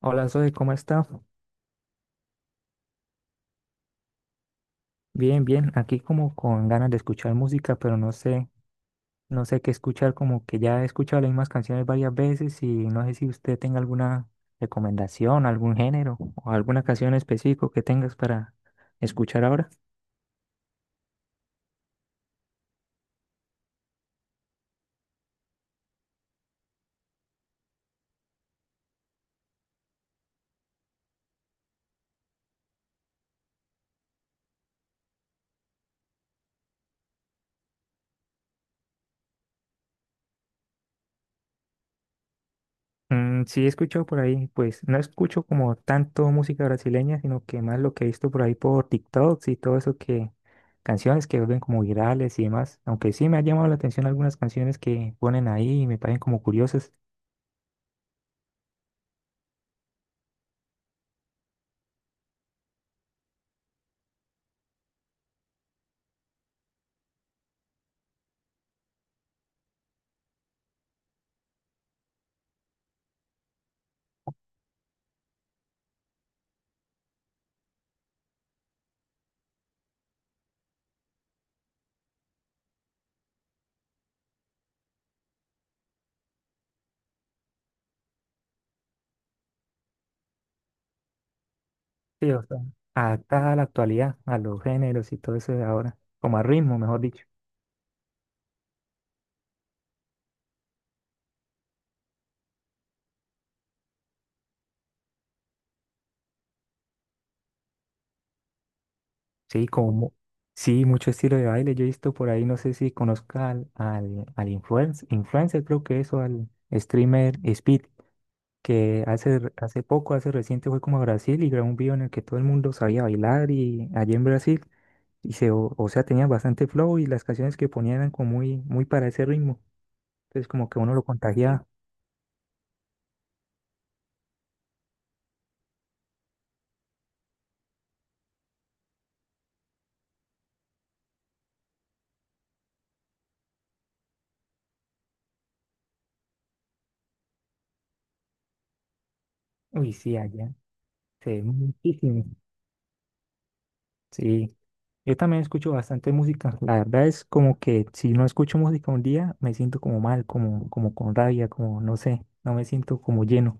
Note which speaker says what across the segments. Speaker 1: Hola Zoe, ¿cómo está? Bien, bien, aquí como con ganas de escuchar música, pero no sé, no sé qué escuchar, como que ya he escuchado las mismas canciones varias veces y no sé si usted tenga alguna recomendación, algún género o alguna canción específico que tengas para escuchar ahora. Mm, sí, he escuchado por ahí, pues no escucho como tanto música brasileña, sino que más lo que he visto por ahí por TikToks y todo eso que canciones que ven como virales y demás, aunque sí me ha llamado la atención algunas canciones que ponen ahí y me parecen como curiosas. Sí, o sea, adaptada a la actualidad, a los géneros y todo eso de ahora, como a ritmo, mejor dicho. Sí, como, sí, mucho estilo de baile. Yo he visto por ahí, no sé si conozca al influencer, creo que eso, al streamer Speed, que hace, hace poco, hace reciente fue como a Brasil y grabó un video en el que todo el mundo sabía bailar y allí en Brasil, y se, o sea, tenía bastante flow y las canciones que ponían eran como muy, muy para ese ritmo. Entonces, como que uno lo contagiaba. Uy, sí, allá se ve muchísimo. Sí. Yo también escucho bastante música. La verdad es como que si no escucho música un día, me siento como mal, como, como con rabia, como no sé, no me siento como lleno.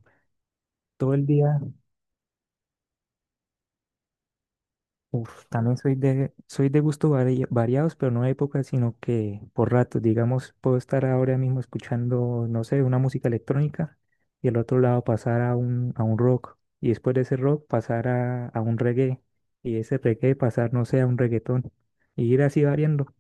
Speaker 1: Todo el día, uf, también soy soy de gustos variados, pero no de épocas, sino que por ratos, digamos, puedo estar ahora mismo escuchando, no sé, una música electrónica y al otro lado pasar a a un rock y después de ese rock pasar a un reggae y ese reggae pasar, no sé, a un reggaetón y ir así variando.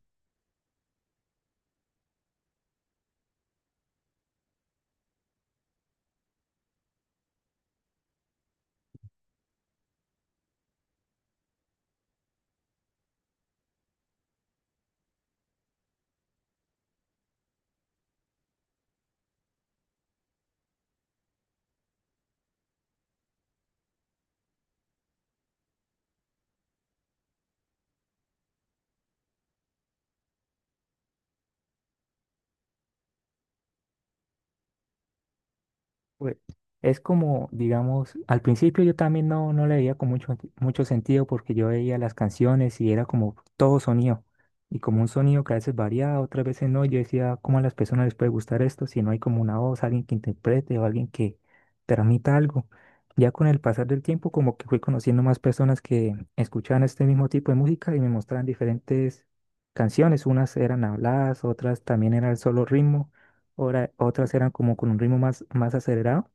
Speaker 1: Pues, es como, digamos, al principio yo también no le veía con mucho, mucho sentido porque yo veía las canciones y era como todo sonido. Y como un sonido que a veces variaba, otras veces no. y Yo decía, ¿cómo a las personas les puede gustar esto si no hay como una voz, alguien que interprete o alguien que transmita algo? Ya con el pasar del tiempo, como que fui conociendo más personas que escuchaban este mismo tipo de música y me mostraban diferentes canciones. Unas eran habladas, otras también era el solo ritmo, otras eran como con un ritmo más, más acelerado.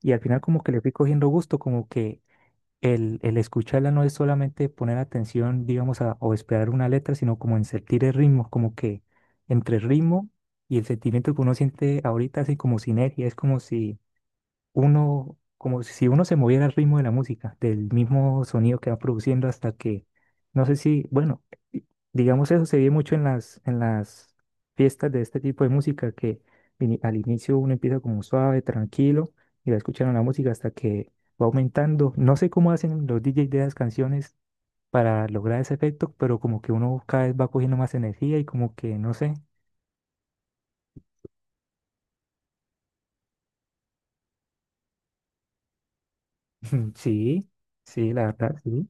Speaker 1: Y al final como que le fui cogiendo gusto, como que el escucharla no es solamente poner atención, digamos, a, o esperar una letra, sino como en sentir el ritmo, como que entre el ritmo y el sentimiento que uno siente ahorita, así como sinergia, es como si uno se moviera al ritmo de la música, del mismo sonido que va produciendo hasta que, no sé si, bueno, i- digamos eso se ve mucho en las fiestas de este tipo de música, que al inicio uno empieza como suave, tranquilo, y va escuchando la música hasta que va aumentando. No sé cómo hacen los DJs de las canciones para lograr ese efecto, pero como que uno cada vez va cogiendo más energía y como que, no sé, sí, sí, la verdad, sí.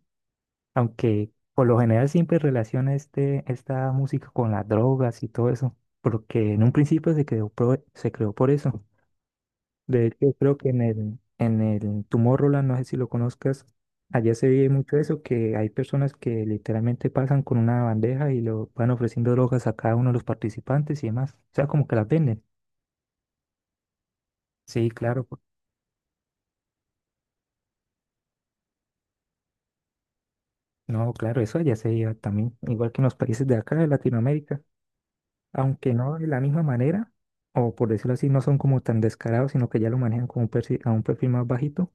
Speaker 1: Aunque por lo general siempre relaciona este, esta música con las drogas y todo eso, porque en un principio se creó, se creó por eso. De hecho, creo que en el Tomorrowland, no sé si lo conozcas, allá se ve mucho eso, que hay personas que literalmente pasan con una bandeja y lo van ofreciendo drogas a cada uno de los participantes y demás. O sea, como que las venden. Sí, claro. No, claro, eso allá se veía también, igual que en los países de acá, de Latinoamérica, aunque no de la misma manera, o por decirlo así, no son como tan descarados, sino que ya lo manejan como un perfil, a un perfil más bajito,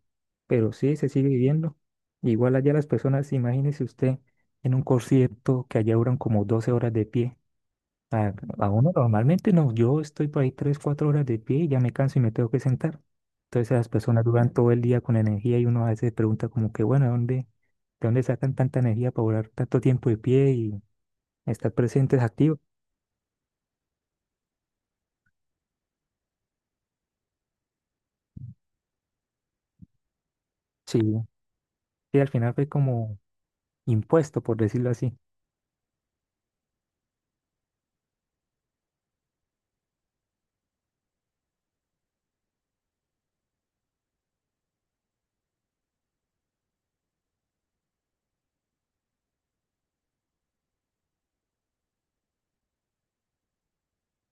Speaker 1: pero sí se sigue viviendo. Igual allá las personas, imagínese usted en un concierto que allá duran como 12 horas de pie. A, a uno normalmente no, yo estoy por ahí 3 o 4 horas de pie y ya me canso y me tengo que sentar. Entonces las personas duran todo el día con energía y uno a veces se pregunta como que, bueno, ¿de de dónde sacan tanta energía para durar tanto tiempo de pie y estar presentes, activos? Sí. Sí, al final fue como impuesto, por decirlo así.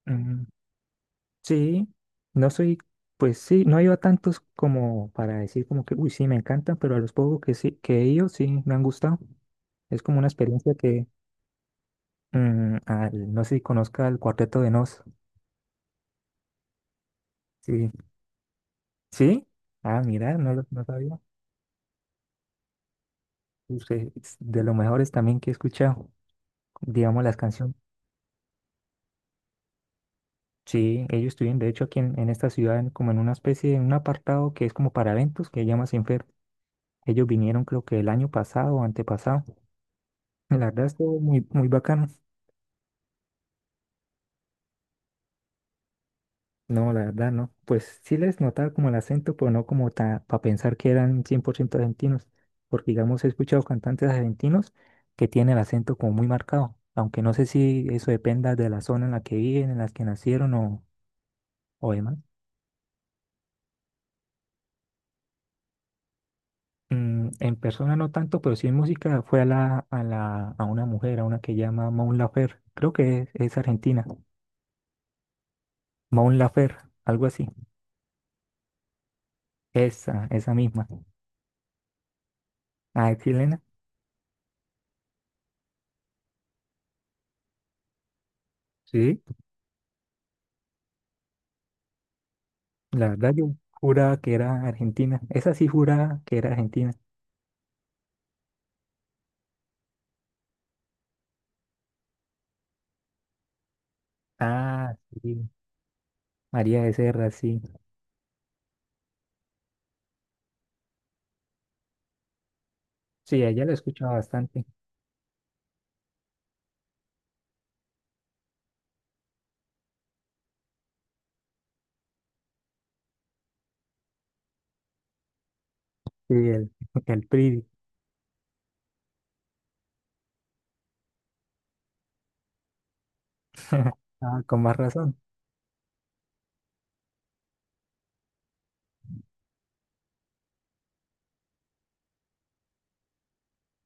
Speaker 1: Mm, sí, no soy, pues sí, no he ido a tantos como para decir como que, uy, sí, me encantan, pero a los pocos que sí, que he ido, sí, me han gustado. Es como una experiencia que, mm, no sé si conozca el Cuarteto de Nos. Sí, sí, ah, mira, no, no sabía. Usted es de los mejores también que he escuchado, digamos, las canciones. Sí, ellos estuvieron, de hecho, aquí en esta ciudad, como en una especie, en un apartado que es como para eventos, que se llama Sin. Ellos vinieron creo que el año pasado o antepasado. La verdad estuvo muy, muy bacano. No, la verdad no. Pues sí les notaba como el acento, pero no como para pensar que eran 100% argentinos. Porque digamos, he escuchado cantantes argentinos que tienen el acento como muy marcado. Aunque no sé si eso dependa de la zona en la que viven, en la que nacieron o demás. Mm, en persona no tanto, pero sí en música fue a la, a una mujer, a una que llama Maun Laferte. Creo que es argentina. Maun Laferte, algo así. Esa misma. Ah, es chilena. Sí, la verdad yo juraba que era argentina. Esa sí juraba que era argentina. Ah, sí. María Becerra, sí. Sí, a ella la escuchaba bastante. Sí, el, el Pridi. Ah, con más razón.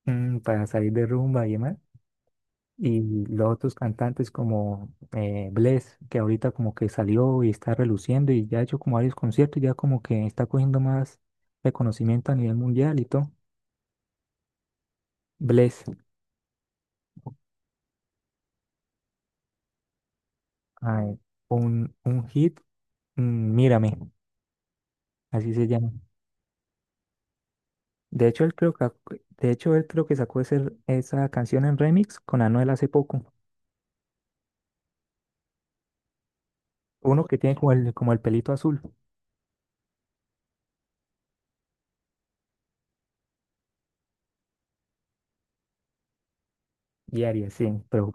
Speaker 1: Mm, para salir de rumba y demás. Y los otros cantantes como Bless, que ahorita como que salió y está reluciendo y ya ha hecho como varios conciertos y ya como que está cogiendo más reconocimiento a nivel mundial y todo. Bless. A ver, un hit, mm, Mírame, así se llama. De hecho, él creo que, de hecho, él creo que sacó esa canción en remix con Anuel hace poco. Uno que tiene como el pelito azul y Aries, sí, pero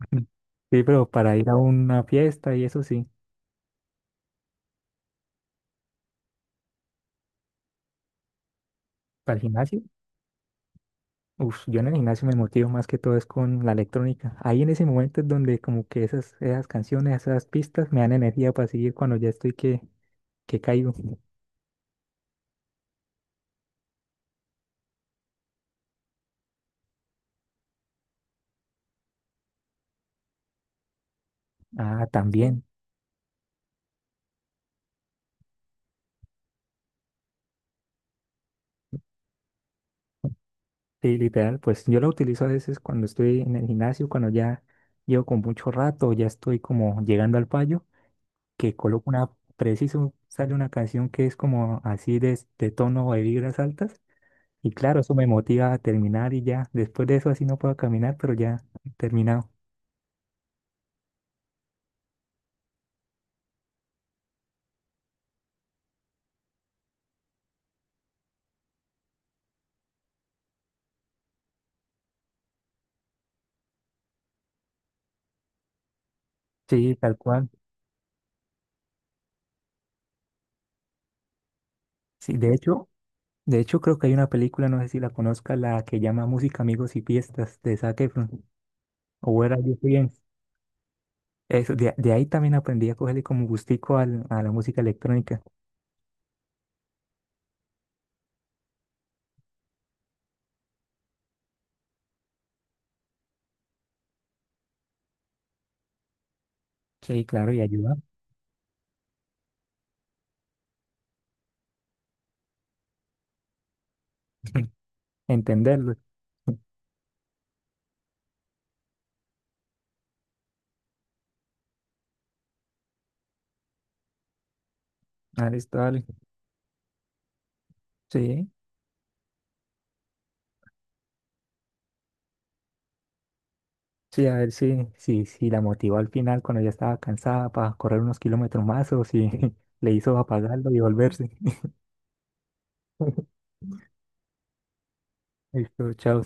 Speaker 1: sí, pero para ir a una fiesta y eso sí, para el gimnasio. Uf, yo en el gimnasio me motivo más que todo es con la electrónica. Ahí en ese momento es donde como que esas, esas canciones, esas pistas me dan energía para seguir cuando ya estoy que caigo. Ah, también. Sí, literal, pues yo la utilizo a veces cuando estoy en el gimnasio, cuando ya llevo con mucho rato, ya estoy como llegando al fallo, que coloco una, preciso, sale una canción que es como así de tono de vibras altas, y claro, eso me motiva a terminar y ya, después de eso así no puedo caminar, pero ya he terminado. Sí, tal cual. Sí, de hecho creo que hay una película, no sé si la conozca, la que llama Música, Amigos y Fiestas de Zac Efron, o Where Are You Bien. Eso, de ahí también aprendí a cogerle como gustico a la música electrónica. Sí, claro, y ayuda a entenderlo. Ah, listo, dale. Sí, sí, a ver si, si, si la motivó al final cuando ya estaba cansada para correr unos kilómetros más o si le hizo apagarlo y volverse. Listo, chao.